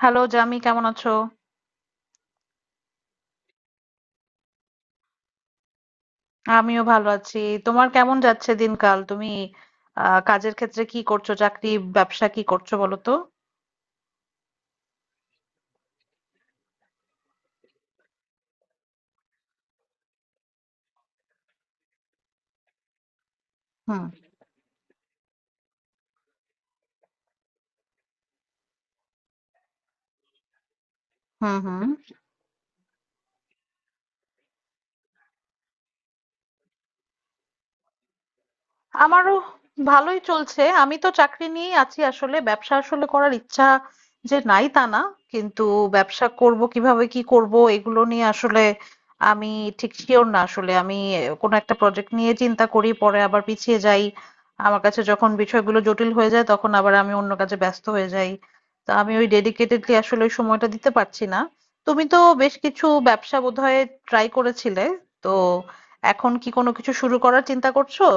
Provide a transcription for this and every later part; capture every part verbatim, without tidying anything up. Hello Jami, কেমন আছো? আমিও ভালো আছি। তোমার কেমন যাচ্ছে দিনকাল? তুমি আহ কাজের ক্ষেত্রে কি করছো? চাকরি, ব্যবসা কি করছো বলো তো? হুম। হুম। হুম। আমারও ভালোই চলছে। আমি তো চাকরি নিয়েই আছি আসলে। ব্যবসা আসলে করার ইচ্ছা যে নাই তা না। কিন্তু ব্যবসা করব কিভাবে কি করব এগুলো নিয়ে আসলে আমি ঠিক শিওর না আসলে। আমি কোনো একটা প্রজেক্ট নিয়ে চিন্তা করি পরে আবার পিছিয়ে যাই। আমার কাছে যখন বিষয়গুলো জটিল হয়ে যায় তখন আবার আমি অন্য কাজে ব্যস্ত হয়ে যাই। তো আমি ওই ডেডিকেটেডলি আসলে ওই সময়টা দিতে পারছি না। তুমি তো বেশ কিছু ব্যবসা বোধহয় ট্রাই করেছিলে। তো এখন কি কোনো কিছু শুরু করার চিন্তা করছো?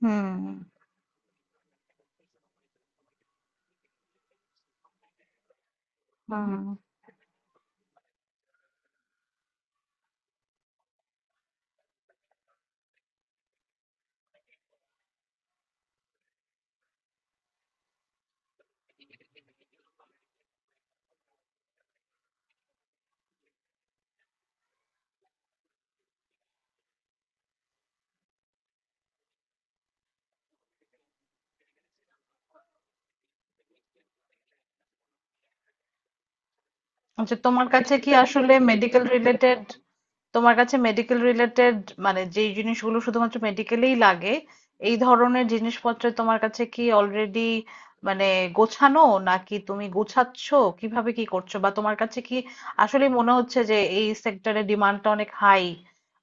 হুম। হুম। আচ্ছা, তোমার কাছে কি আসলে মেডিকেল রিলেটেড, তোমার কাছে মেডিকেল রিলেটেড মানে যেই জিনিসগুলো শুধুমাত্র মেডিকেলেই লাগে, এই ধরনের জিনিসপত্র তোমার কাছে কি অলরেডি মানে গোছানো, নাকি তুমি গোছাচ্ছ, কিভাবে কি করছো? বা তোমার কাছে কি আসলে মনে হচ্ছে যে এই সেক্টরে ডিমান্ডটা অনেক হাই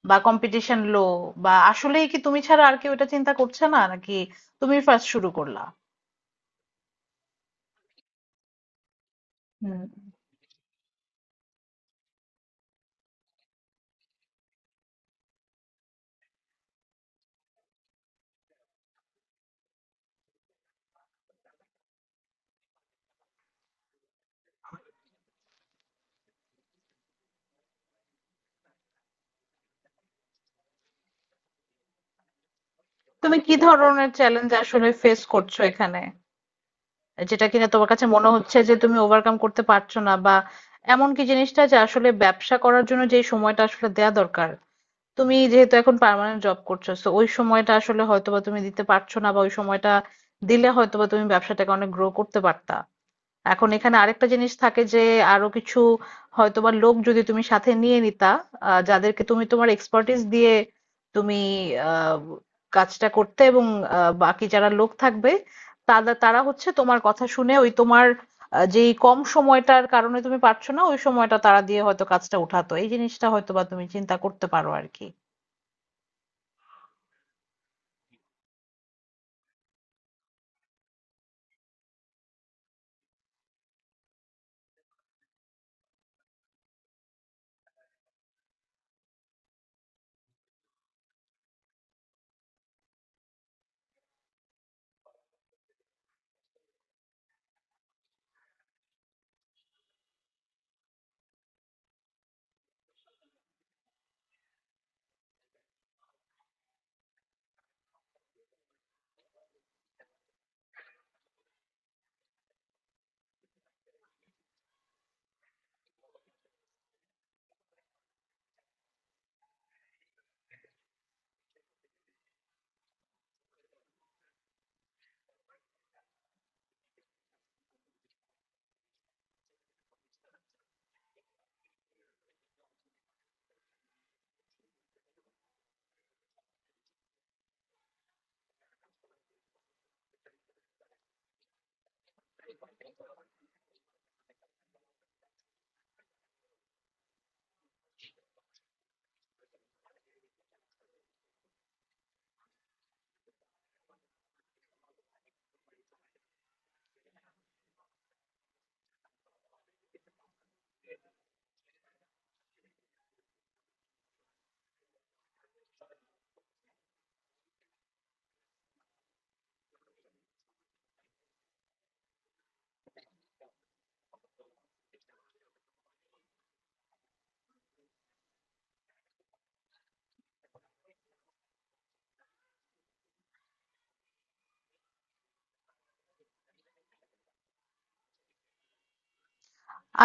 বা কম্পিটিশন লো? বা আসলেই কি তুমি ছাড়া আর কেউ এটা চিন্তা করছে না, নাকি তুমি ফার্স্ট শুরু করলা? হুম। তুমি কি ধরনের চ্যালেঞ্জ আসলে ফেস করছো এখানে? যেটা কিনা তোমার কাছে মনে হচ্ছে যে তুমি ওভারকাম করতে পারছো না, বা এমন কি জিনিসটা? যে আসলে ব্যবসা করার জন্য যে সময়টা আসলে দেয়া দরকার, তুমি যেহেতু এখন পার্মানেন্ট জব করছো তো ওই সময়টা আসলে হয়তোবা তুমি দিতে পারছো না, বা ওই সময়টা দিলে হয়তোবা তুমি ব্যবসাটাকে অনেক গ্রো করতে পারতা। এখন এখানে আরেকটা জিনিস থাকে যে, আরো কিছু হয়তোবা লোক যদি তুমি সাথে নিয়ে নিতা, আহ, যাদেরকে তুমি তোমার এক্সপার্টিস দিয়ে তুমি আহ, কাজটা করতে, এবং আহ, বাকি যারা লোক থাকবে তারা তারা হচ্ছে তোমার কথা শুনে ওই তোমার আহ, যেই কম সময়টার কারণে তুমি পারছো না ওই সময়টা তারা দিয়ে হয়তো কাজটা উঠাতো, এই জিনিসটা হয়তোবা তুমি চিন্তা করতে পারো আর কি।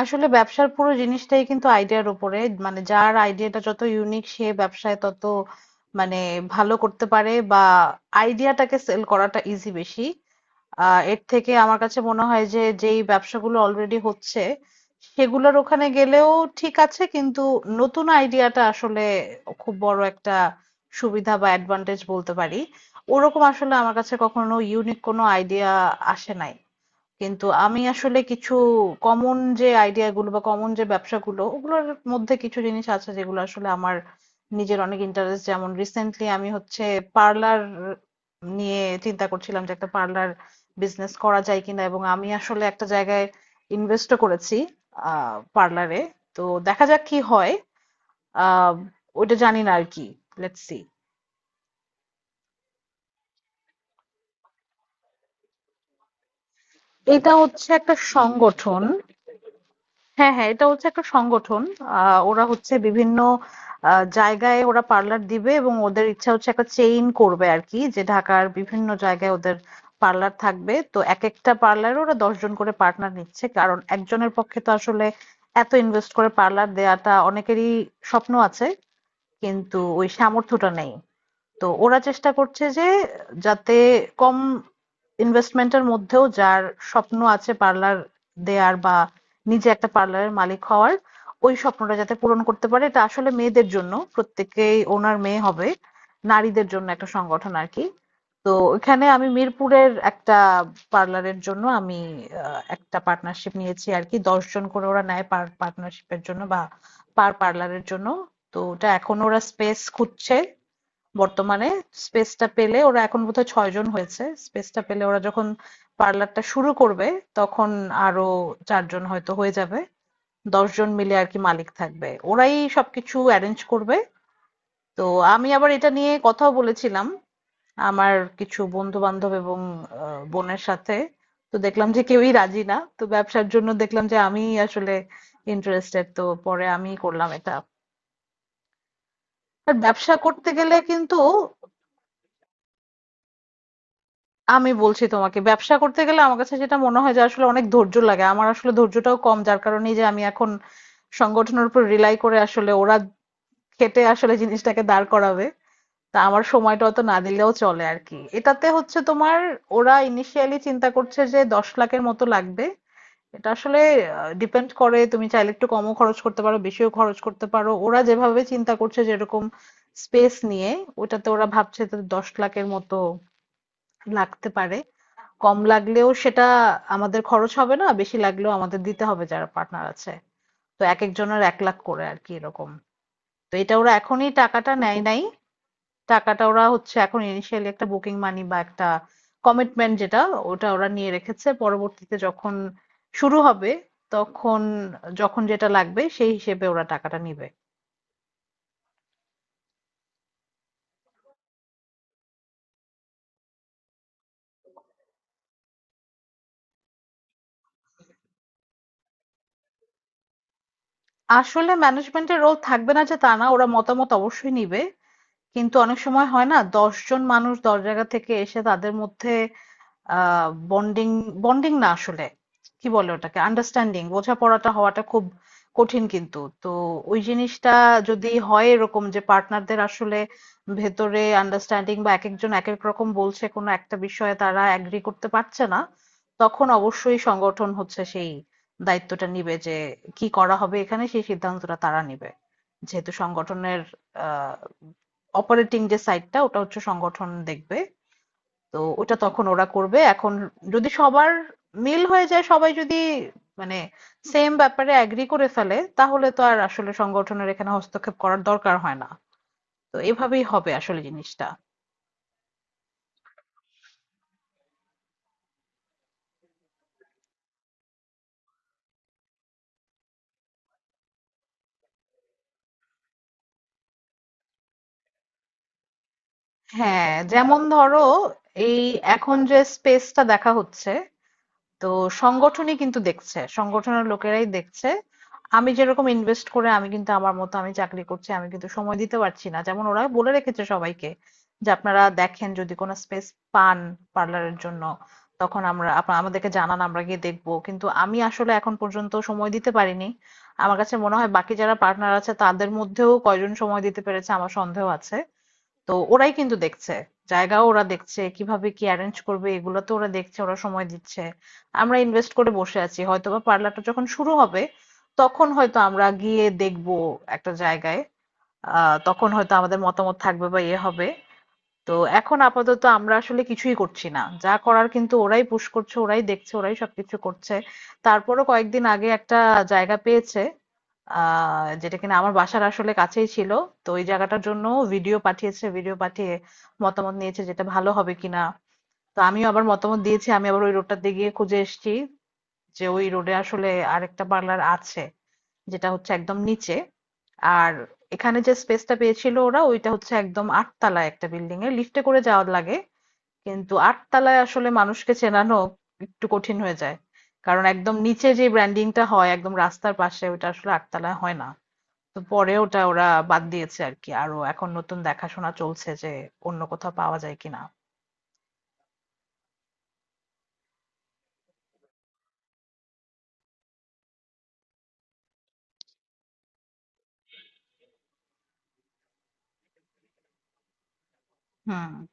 আসলে ব্যবসার পুরো জিনিসটাই কিন্তু আইডিয়ার উপরে, মানে যার আইডিয়াটা যত ইউনিক সে ব্যবসায় তত মানে ভালো করতে পারে, বা আইডিয়াটাকে সেল করাটা ইজি বেশি। আহ এর থেকে আমার কাছে মনে হয় যে যেই ব্যবসাগুলো অলরেডি হচ্ছে সেগুলোর ওখানে গেলেও ঠিক আছে, কিন্তু নতুন আইডিয়াটা আসলে খুব বড় একটা সুবিধা বা অ্যাডভান্টেজ বলতে পারি। ওরকম আসলে আমার কাছে কখনো ইউনিক কোনো আইডিয়া আসে নাই, কিন্তু আমি আসলে কিছু কমন যে আইডিয়াগুলো বা কমন যে ব্যবসাগুলো ওগুলোর মধ্যে কিছু জিনিস আছে যেগুলো আসলে আমার নিজের অনেক ইন্টারেস্ট। যেমন রিসেন্টলি আমি হচ্ছে পার্লার নিয়ে চিন্তা করছিলাম যে একটা পার্লার বিজনেস করা যায় কিনা, এবং আমি আসলে একটা জায়গায় ইনভেস্টও করেছি আহ পার্লারে। তো দেখা যাক কি হয়। আহ ওইটা জানি না আর কি, লেটস সি। এটা হচ্ছে একটা সংগঠন। হ্যাঁ, হ্যাঁ, এটা হচ্ছে একটা সংগঠন। আহ, ওরা হচ্ছে বিভিন্ন আহ, জায়গায় ওরা পার্লার দিবে, এবং ওদের ইচ্ছা হচ্ছে একটা চেইন করবে আর কি, যে ঢাকার বিভিন্ন জায়গায় ওদের পার্লার থাকবে। তো এক একটা পার্লারে ওরা দশজন করে পার্টনার নিচ্ছে, কারণ একজনের পক্ষে তো আসলে এত ইনভেস্ট করে পার্লার দেয়াটা, অনেকেরই স্বপ্ন আছে কিন্তু ওই সামর্থ্যটা নেই। তো ওরা চেষ্টা করছে যে, যাতে কম ইনভেস্টমেন্টের মধ্যেও যার স্বপ্ন আছে পার্লার দেয়ার বা নিজে একটা পার্লারের মালিক হওয়ার, ওই স্বপ্নটা যাতে পূরণ করতে পারে। এটা আসলে মেয়েদের জন্য, প্রত্যেকেই ওনার মেয়ে হবে, নারীদের জন্য একটা সংগঠন আর কি। তো ওখানে আমি মিরপুরের একটা পার্লারের জন্য আমি আহ, একটা পার্টনারশিপ নিয়েছি আর কি। দশজন করে ওরা নেয় পার পার্টনারশিপের জন্য বা পার পার্লারের জন্য। তো ওটা এখন ওরা স্পেস খুঁজছে বর্তমানে। স্পেসটা পেলে, ওরা এখন বোধহয় ছয়জন হয়েছে, স্পেসটা পেলে ওরা যখন পার্লারটা শুরু করবে তখন আরো চারজন হয়তো হয়ে যাবে, দশজন মিলে আর কি মালিক থাকবে, ওরাই সবকিছু অ্যারেঞ্জ করবে। তো আমি আবার এটা নিয়ে কথাও বলেছিলাম আমার কিছু বন্ধু বান্ধব এবং আহ, বোনের সাথে। তো দেখলাম যে কেউই রাজি না, তো ব্যবসার জন্য দেখলাম যে আমি আসলে ইন্টারেস্টেড, তো পরে আমি করলাম এটা। আর ব্যবসা করতে গেলে কিন্তু আমি বলছি তোমাকে, ব্যবসা করতে গেলে আমার কাছে যেটা মনে হয় যে আসলে অনেক ধৈর্য লাগে, আমার আসলে ধৈর্যটাও কম, যার কারণেই যে আমি এখন সংগঠনের উপর রিলাই করে আসলে ওরা খেটে আসলে জিনিসটাকে দাঁড় করাবে, তা আমার সময়টা অত না দিলেও চলে আর কি, এটাতে হচ্ছে তোমার। ওরা ইনিশিয়ালি চিন্তা করছে যে দশ লাখের মতো লাগবে। এটা আসলে ডিপেন্ড করে, তুমি চাইলে একটু কমও খরচ করতে পারো, বেশিও খরচ করতে পারো। ওরা যেভাবে চিন্তা করছে, যেরকম স্পেস নিয়ে ওটাতে ওরা ভাবছে, তো দশ লাখের মতো লাগতে পারে। কম লাগলেও সেটা আমাদের খরচ হবে না, বেশি লাগলেও আমাদের দিতে হবে যারা পার্টনার আছে। তো একেকজনের এক লাখ করে আরকি, এরকম। তো এটা ওরা এখনই টাকাটা নেয় নাই। টাকাটা ওরা হচ্ছে এখন initially একটা বুকিং মানি বা একটা কমিটমেন্ট যেটা, ওটা ওরা নিয়ে রেখেছে। পরবর্তীতে যখন শুরু হবে তখন যখন যেটা লাগবে সেই হিসেবে ওরা টাকাটা নিবে। আসলে ম্যানেজমেন্টের রোল থাকবে না যে তা না, ওরা মতামত অবশ্যই নিবে। কিন্তু অনেক সময় হয় না, দশ জন মানুষ দশ জায়গা থেকে এসে তাদের মধ্যে আহ বন্ডিং, বন্ডিং না আসলে, কি বলে ওটাকে, আন্ডারস্ট্যান্ডিং, বোঝাপড়াটা হওয়াটা খুব কঠিন কিন্তু। তো ওই জিনিসটা যদি হয় এরকম যে পার্টনারদের আসলে ভেতরে আন্ডারস্ট্যান্ডিং, বা এক একজন এক এক রকম বলছে, কোনো একটা বিষয়ে তারা অ্যাগ্রি করতে পারছে না, তখন অবশ্যই সংগঠন হচ্ছে সেই দায়িত্বটা নিবে যে কি করা হবে, এখানে সেই সিদ্ধান্তটা তারা নিবে। যেহেতু সংগঠনের আহ অপারেটিং যে সাইডটা, ওটা হচ্ছে সংগঠন দেখবে, তো ওটা তখন ওরা করবে। এখন যদি সবার মিল হয়ে যায়, সবাই যদি মানে সেম ব্যাপারে অ্যাগ্রি করে ফেলে, তাহলে তো আর আসলে সংগঠনের এখানে হস্তক্ষেপ করার দরকার হয় না। তো এভাবেই হবে আসলে জিনিসটা। হ্যাঁ, যেমন ধরো এই এখন যে স্পেসটা দেখা হচ্ছে, তো সংগঠনই কিন্তু দেখছে, সংগঠনের লোকেরাই দেখছে। আমি যেরকম ইনভেস্ট করে, আমি কিন্তু আমার মতো আমি চাকরি করছি, আমি কিন্তু সময় দিতে পারছি না, যেমন ওরা বলে রেখেছে সবাইকে যে আপনারা দেখেন যদি কোনো স্পেস পান পার্লারের জন্য তখন আমরা আপনা- আমাদেরকে জানান, আমরা গিয়ে দেখবো। কিন্তু আমি আসলে এখন পর্যন্ত সময় দিতে পারিনি। আমার কাছে মনে হয় বাকি যারা পার্টনার আছে তাদের মধ্যেও কয়জন সময় দিতে পেরেছে আমার সন্দেহ আছে। তো ওরাই কিন্তু দেখছে, জায়গাও ওরা দেখছে, কিভাবে কি অ্যারেঞ্জ করবে এগুলো তো ওরা দেখছে, ওরা সময় দিচ্ছে, আমরা ইনভেস্ট করে বসে আছি। হয়তোবা পার্লারটা যখন শুরু হবে তখন হয়তো আমরা গিয়ে দেখবো একটা জায়গায়, আহ তখন হয়তো আমাদের মতামত থাকবে বা ইয়ে হবে। তো এখন আপাতত আমরা আসলে কিছুই করছি না, যা করার কিন্তু ওরাই পুশ করছে, ওরাই দেখছে, ওরাই সবকিছু করছে। তারপরও কয়েকদিন আগে একটা জায়গা পেয়েছে আহ যেটা কিনা আমার বাসার আসলে কাছেই ছিল। তো ওই জায়গাটার জন্য ভিডিও পাঠিয়েছে, ভিডিও পাঠিয়ে মতামত নিয়েছে যেটা ভালো হবে কিনা। তো আমিও আবার মতামত দিয়েছি, আমি আবার ওই রোডটাতে গিয়ে খুঁজে এসেছি যে ওই রোডে আসলে আরেকটা পার্লার আছে যেটা হচ্ছে একদম নিচে। আর এখানে যে স্পেসটা পেয়েছিল ওরা, ওইটা হচ্ছে একদম আটতলায় একটা বিল্ডিং এ, লিফটে করে যাওয়ার লাগে। কিন্তু আটতলায় আসলে মানুষকে চেনানো একটু কঠিন হয়ে যায়, কারণ একদম নিচে যে ব্র্যান্ডিংটা হয় একদম রাস্তার পাশে, ওটা আসলে আটতলায় হয় না। তো পরে ওটা ওরা বাদ দিয়েছে আর কি, আরো এখন নতুন দেখাশোনা চলছে যে অন্য কোথাও পাওয়া যায় কিনা। হুম।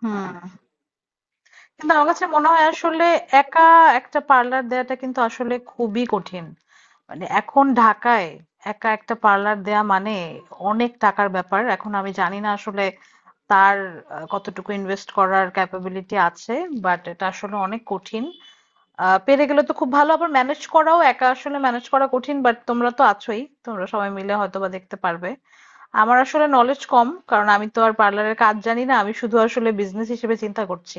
হুম। কিন্তু আমার কাছে মনে হয় আসলে একা একটা পার্লার দেওয়াটা কিন্তু আসলে খুবই কঠিন। মানে এখন ঢাকায় একা একটা পার্লার দেয়া মানে অনেক টাকার ব্যাপার। এখন আমি জানি না আসলে তার আহ, কতটুকু ইনভেস্ট করার ক্যাপাবিলিটি আছে, বাট এটা আসলে অনেক কঠিন। আহ, পেরে গেলে তো খুব ভালো। আবার ম্যানেজ করাও, একা আসলে ম্যানেজ করা কঠিন, বাট তোমরা তো আছোই, তোমরা সবাই মিলে হয়তো বা দেখতে পারবে। আমার আসলে নলেজ কম, কারণ আমি তো আর পার্লারের কাজ জানি না, আমি শুধু আসলে বিজনেস হিসেবে চিন্তা করছি।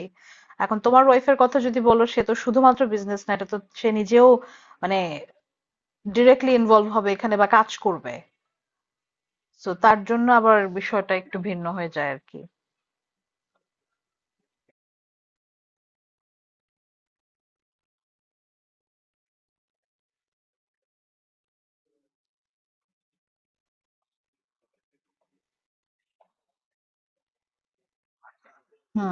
এখন তোমার ওয়াইফের কথা যদি বলো, সে তো শুধুমাত্র বিজনেস না, এটা তো সে নিজেও মানে ডিরেক্টলি ইনভলভ হবে এখানে বা কাজ করবে, তো তার জন্য আবার বিষয়টা একটু ভিন্ন হয়ে যায় আর কি। হুম।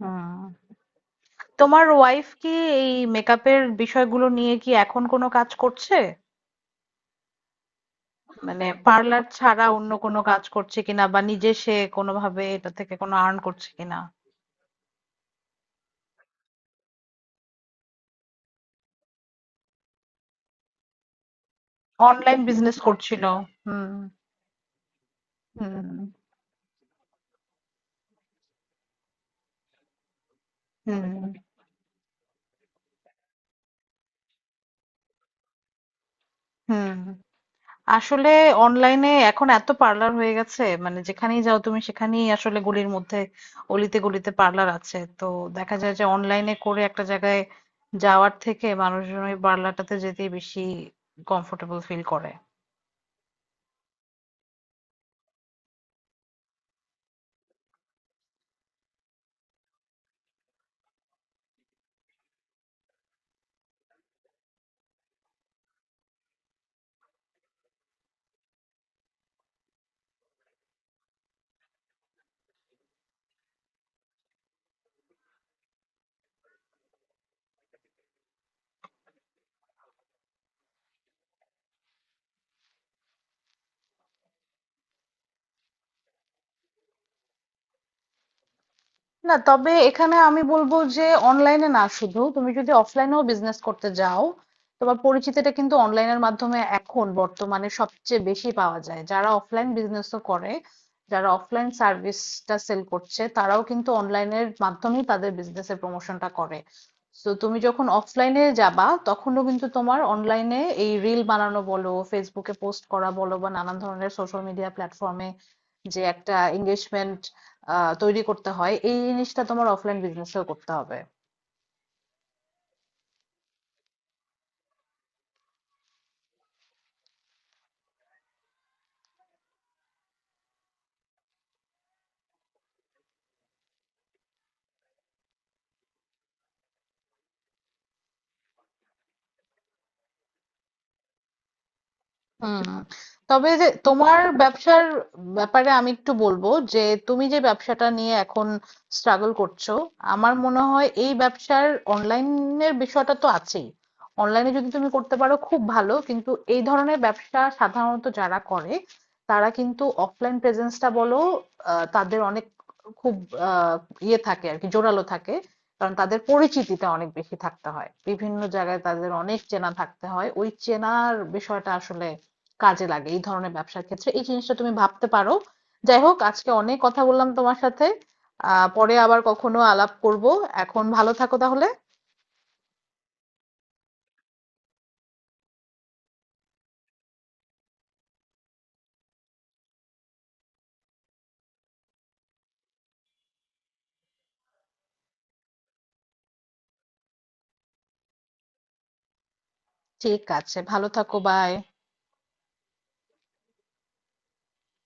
হুম। তোমার ওয়াইফ কি এই মেকআপের বিষয়গুলো নিয়ে কি এখন কোনো কাজ করছে? মানে পার্লার ছাড়া অন্য কোনো কাজ করছে কিনা, বা নিজে সে কোনোভাবে এটা থেকে কোনো আর্ন করছে কিনা? অনলাইন বিজনেস করছিল। হুম। হুম। হুম। হুম। আসলে অনলাইনে এখন এত পার্লার হয়ে গেছে, মানে যেখানেই যাও তুমি, সেখানেই আসলে গলির মধ্যে, অলিতে গলিতে পার্লার আছে। তো দেখা যায় যে অনলাইনে করে একটা জায়গায় যাওয়ার থেকে মানুষজন ওই পার্লারটাতে যেতেই বেশি কমফোর্টেবল ফিল করে। না, তবে এখানে আমি বলবো যে অনলাইনে না শুধু, তুমি যদি অফলাইনেও বিজনেস করতে যাও, তোমার পরিচিতিটা কিন্তু অনলাইনের মাধ্যমে এখন বর্তমানে সবচেয়ে বেশি পাওয়া যায়। যারা অফলাইন বিজনেসও করে, যারা অফলাইন সার্ভিসটা সেল করছে, তারাও কিন্তু অনলাইনের মাধ্যমেই তাদের বিজনেসের প্রমোশনটা করে। তো তুমি যখন অফলাইনে যাবা তখনও কিন্তু তোমার অনলাইনে এই রিল বানানো বলো, ফেসবুকে পোস্ট করা বলো, বা নানান ধরনের সোশ্যাল মিডিয়া প্ল্যাটফর্মে যে একটা এঙ্গেজমেন্ট আহ তৈরি করতে হয়, এই জিনিসটা তোমার অফলাইন বিজনেসেও করতে হবে। হুম। তবে যে তোমার ব্যবসার ব্যাপারে আমি একটু বলবো যে, তুমি যে ব্যবসাটা নিয়ে এখন স্ট্রাগল করছো, আমার মনে হয় এই ব্যবসার অনলাইনের বিষয়টা তো আছেই, অনলাইনে যদি তুমি করতে পারো খুব ভালো, কিন্তু এই ধরনের ব্যবসা সাধারণত যারা করে, তারা কিন্তু অফলাইন প্রেজেন্সটা বলো, আহ, তাদের অনেক খুব আহ, ইয়ে থাকে আর কি, জোরালো থাকে। কারণ তাদের পরিচিতিটা অনেক বেশি থাকতে হয়, বিভিন্ন জায়গায় তাদের অনেক চেনা থাকতে হয়, ওই চেনার বিষয়টা আসলে কাজে লাগে এই ধরনের ব্যবসার ক্ষেত্রে, এই জিনিসটা তুমি ভাবতে পারো। যাই হোক, আজকে অনেক কথা বললাম তোমার সাথে, আহ পরে আবার কখনো আলাপ করব। এখন ভালো থাকো তাহলে। ঠিক আছে, ভালো থাকো, বাই।